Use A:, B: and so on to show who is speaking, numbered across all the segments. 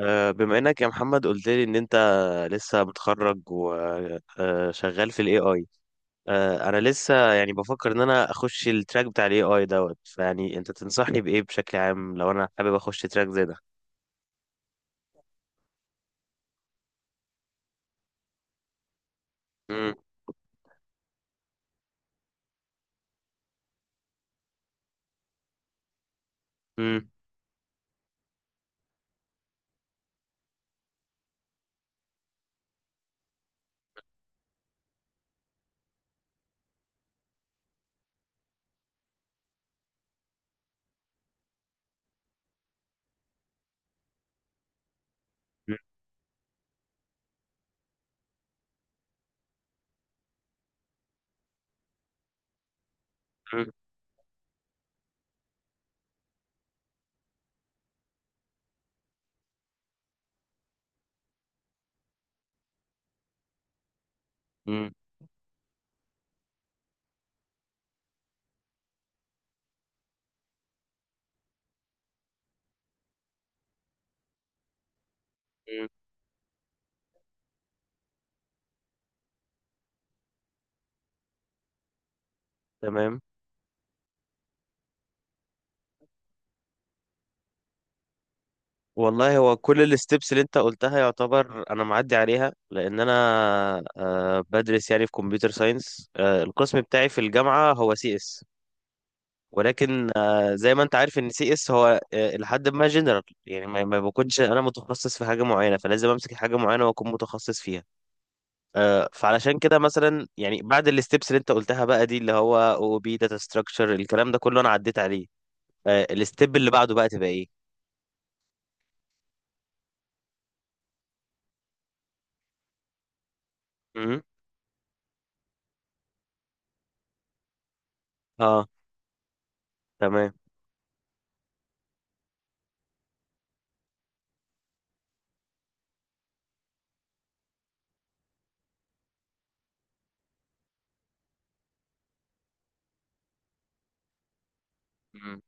A: بما انك يا محمد قلت لي ان انت لسه متخرج وشغال في الاي اي. انا لسه يعني بفكر ان انا اخش التراك بتاع الاي اي دوت، فيعني انت تنصحني بايه بشكل عام لو انا حابب اخش تراك زي ده؟ مم، مم، مم، مم، مم، مم. تمام. والله هو كل الستبس اللي انت قلتها يعتبر انا معدي عليها، لان انا بدرس يعني في كمبيوتر ساينس. القسم بتاعي في الجامعة هو سي اس، ولكن زي ما انت عارف ان سي اس هو لحد ما جنرال، يعني ما بكونش انا متخصص في حاجه معينه، فلازم امسك حاجه معينه واكون متخصص فيها. فعلشان كده مثلا يعني بعد الستبس اللي انت قلتها بقى، دي اللي هو او بي داتا ستراكشر الكلام ده كله انا عديت عليه. الستيب اللي بعده بقى تبقى ايه؟ مم. اه. تمام. مم.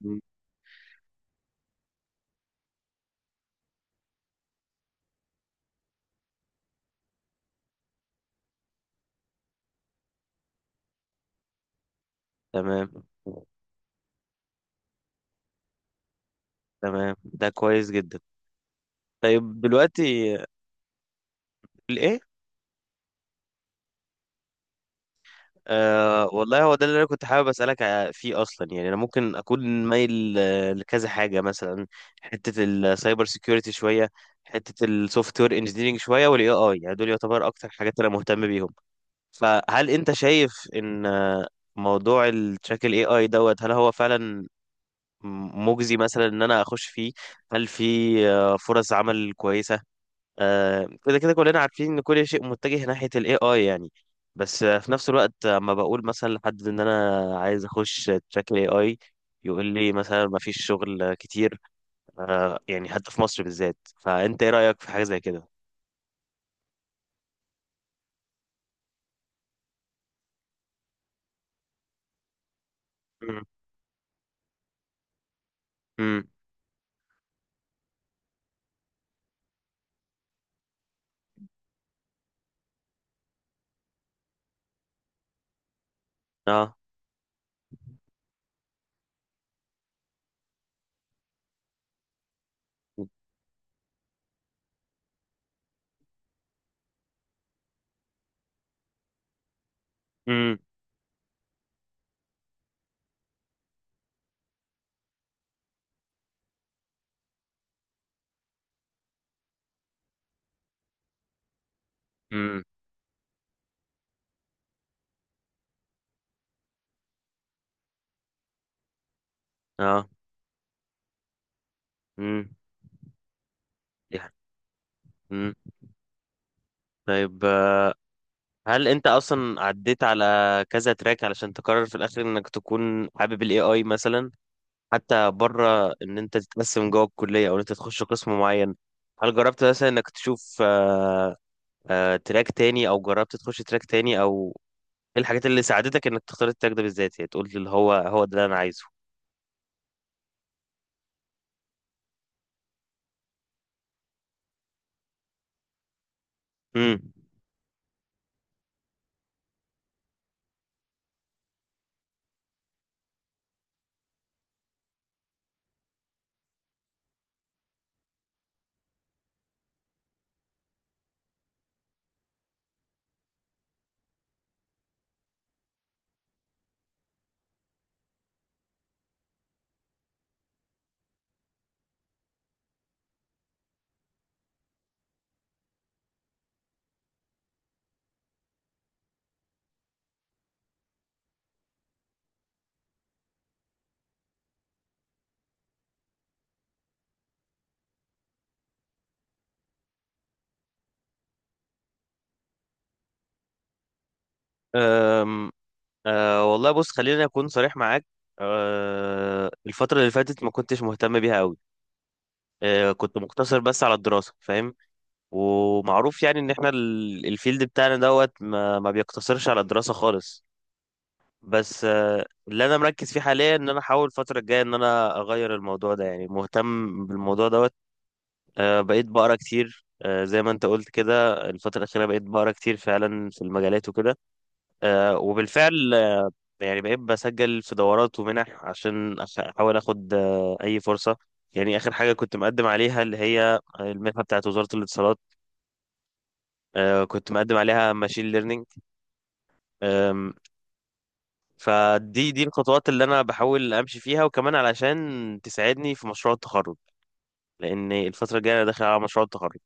A: مم. تمام. تمام، ده كويس جدا. طيب دلوقتي الايه؟ أه والله هو ده اللي انا كنت حابب اسالك فيه اصلا، يعني انا ممكن اكون مايل لكذا حاجه مثلا. حته السايبر سيكيورتي شويه، حته السوفت وير انجينيرنج شويه، والاي اي، يعني دول يعتبر اكتر حاجات انا مهتم بيهم. فهل انت شايف ان موضوع التراك الاي اي دوت، هل هو فعلا مجزي مثلا ان انا اخش فيه؟ هل في فرص عمل كويسه؟ كده كده كلنا عارفين ان كل شيء متجه ناحية الاي اي يعني، بس في نفس الوقت اما بقول مثلا لحد ان انا عايز اخش تراك الاي اي، يقول لي مثلا ما فيش شغل كتير، يعني حتى في مصر بالذات. فانت ايه رأيك في حاجة زي كده؟ امم. امم. اه. امم. امم. اه. امم يعني. امم. طيب، هل انت اصلا عديت على كذا تراك علشان تقرر في الاخر انك تكون حابب الاي اي مثلا، حتى بره ان انت تتقسم جوه الكليه او ان انت تخش قسم معين؟ هل جربت مثلا انك تشوف تراك تاني، او جربت تخش تراك تاني؟ او ايه الحاجات اللي ساعدتك انك تختار التراك ده بالذات، يعني تقول اللي هو هو ده اللي انا عايزه؟ امم. أم، أه والله بص خليني اكون صريح معاك. الفترة اللي فاتت ما كنتش مهتم بيها قوي. كنت مقتصر بس على الدراسة، فاهم. ومعروف يعني ان احنا الفيلد بتاعنا دوت ما بيقتصرش على الدراسة خالص. بس اللي انا مركز فيه حاليا ان انا احاول الفتره الجايه ان انا اغير الموضوع ده، يعني مهتم بالموضوع دوت. بقيت بقرا كتير، زي ما انت قلت كده الفتره الاخيره بقيت بقرا كتير فعلا في المجالات وكده. وبالفعل يعني بقيت بسجل في دورات ومنح عشان احاول اخد اي فرصه. يعني اخر حاجه كنت مقدم عليها اللي هي المنحه بتاعت وزاره الاتصالات، كنت مقدم عليها ماشين ليرنينج. فدي دي الخطوات اللي انا بحاول امشي فيها، وكمان علشان تساعدني في مشروع التخرج، لان الفتره الجايه انا داخل على مشروع التخرج.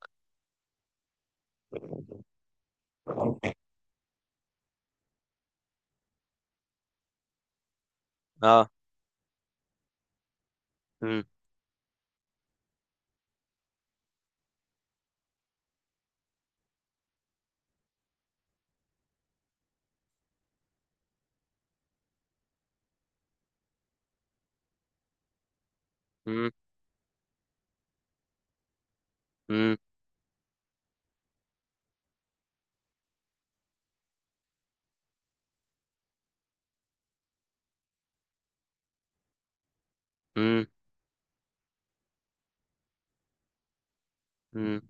A: اه. مم. مم. مم. مم. مم.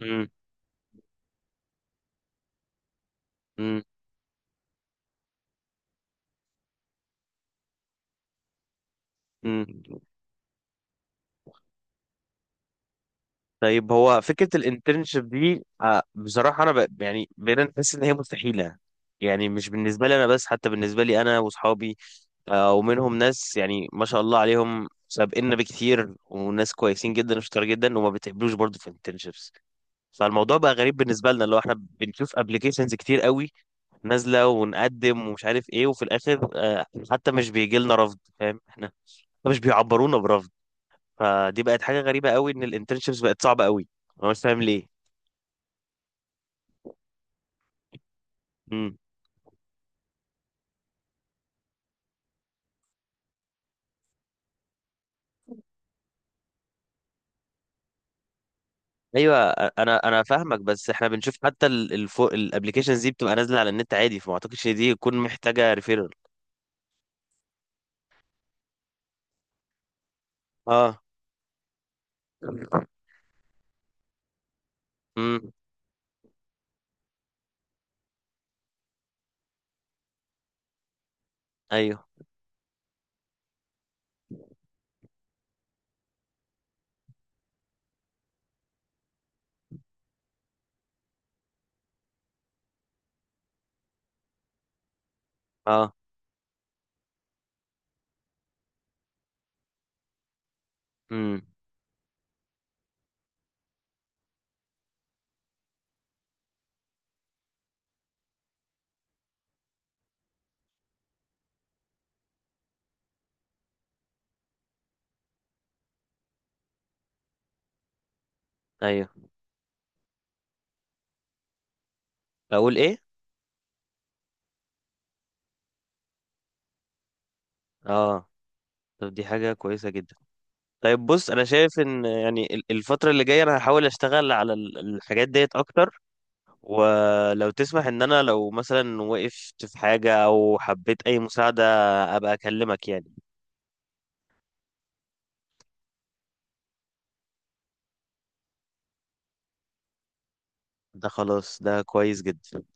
A: مم. مم. مم. طيب هو فكره الانترنشيب دي، بصراحه انا يعني بقينا نحس ان هي مستحيله. يعني مش بالنسبه لي انا بس، حتى بالنسبه لي انا واصحابي، ومنهم ناس يعني ما شاء الله عليهم سابقنا بكتير، وناس كويسين جدا وشطار جدا، وما بيتقبلوش برضه في internships. فالموضوع بقى غريب بالنسبه لنا، اللي هو احنا بنشوف ابلكيشنز كتير قوي نازله ونقدم ومش عارف ايه، وفي الاخر حتى مش بيجي لنا رفض، فاهم احنا مش بيعبرونا برفض. فدي بقت حاجه غريبه قوي ان الانترنشيبس بقت صعبه قوي. انا مش فاهم ليه. امم. ايوه انا فاهمك، بس احنا بنشوف حتى الابلكيشنز دي بتبقى نازله على النت عادي، فما اعتقدش إن دي تكون محتاجه ريفيرال. اه. امم. ايوه. اه. امم. ايوه. اقول ايه. اه. طب دي حاجه كويسه جدا. طيب بص، انا شايف ان يعني الفتره اللي جايه انا هحاول اشتغل على الحاجات ديت اكتر. ولو تسمح ان انا لو مثلا وقفت في حاجه او حبيت اي مساعده، ابقى اكلمك يعني. ده خلاص، ده كويس جدا.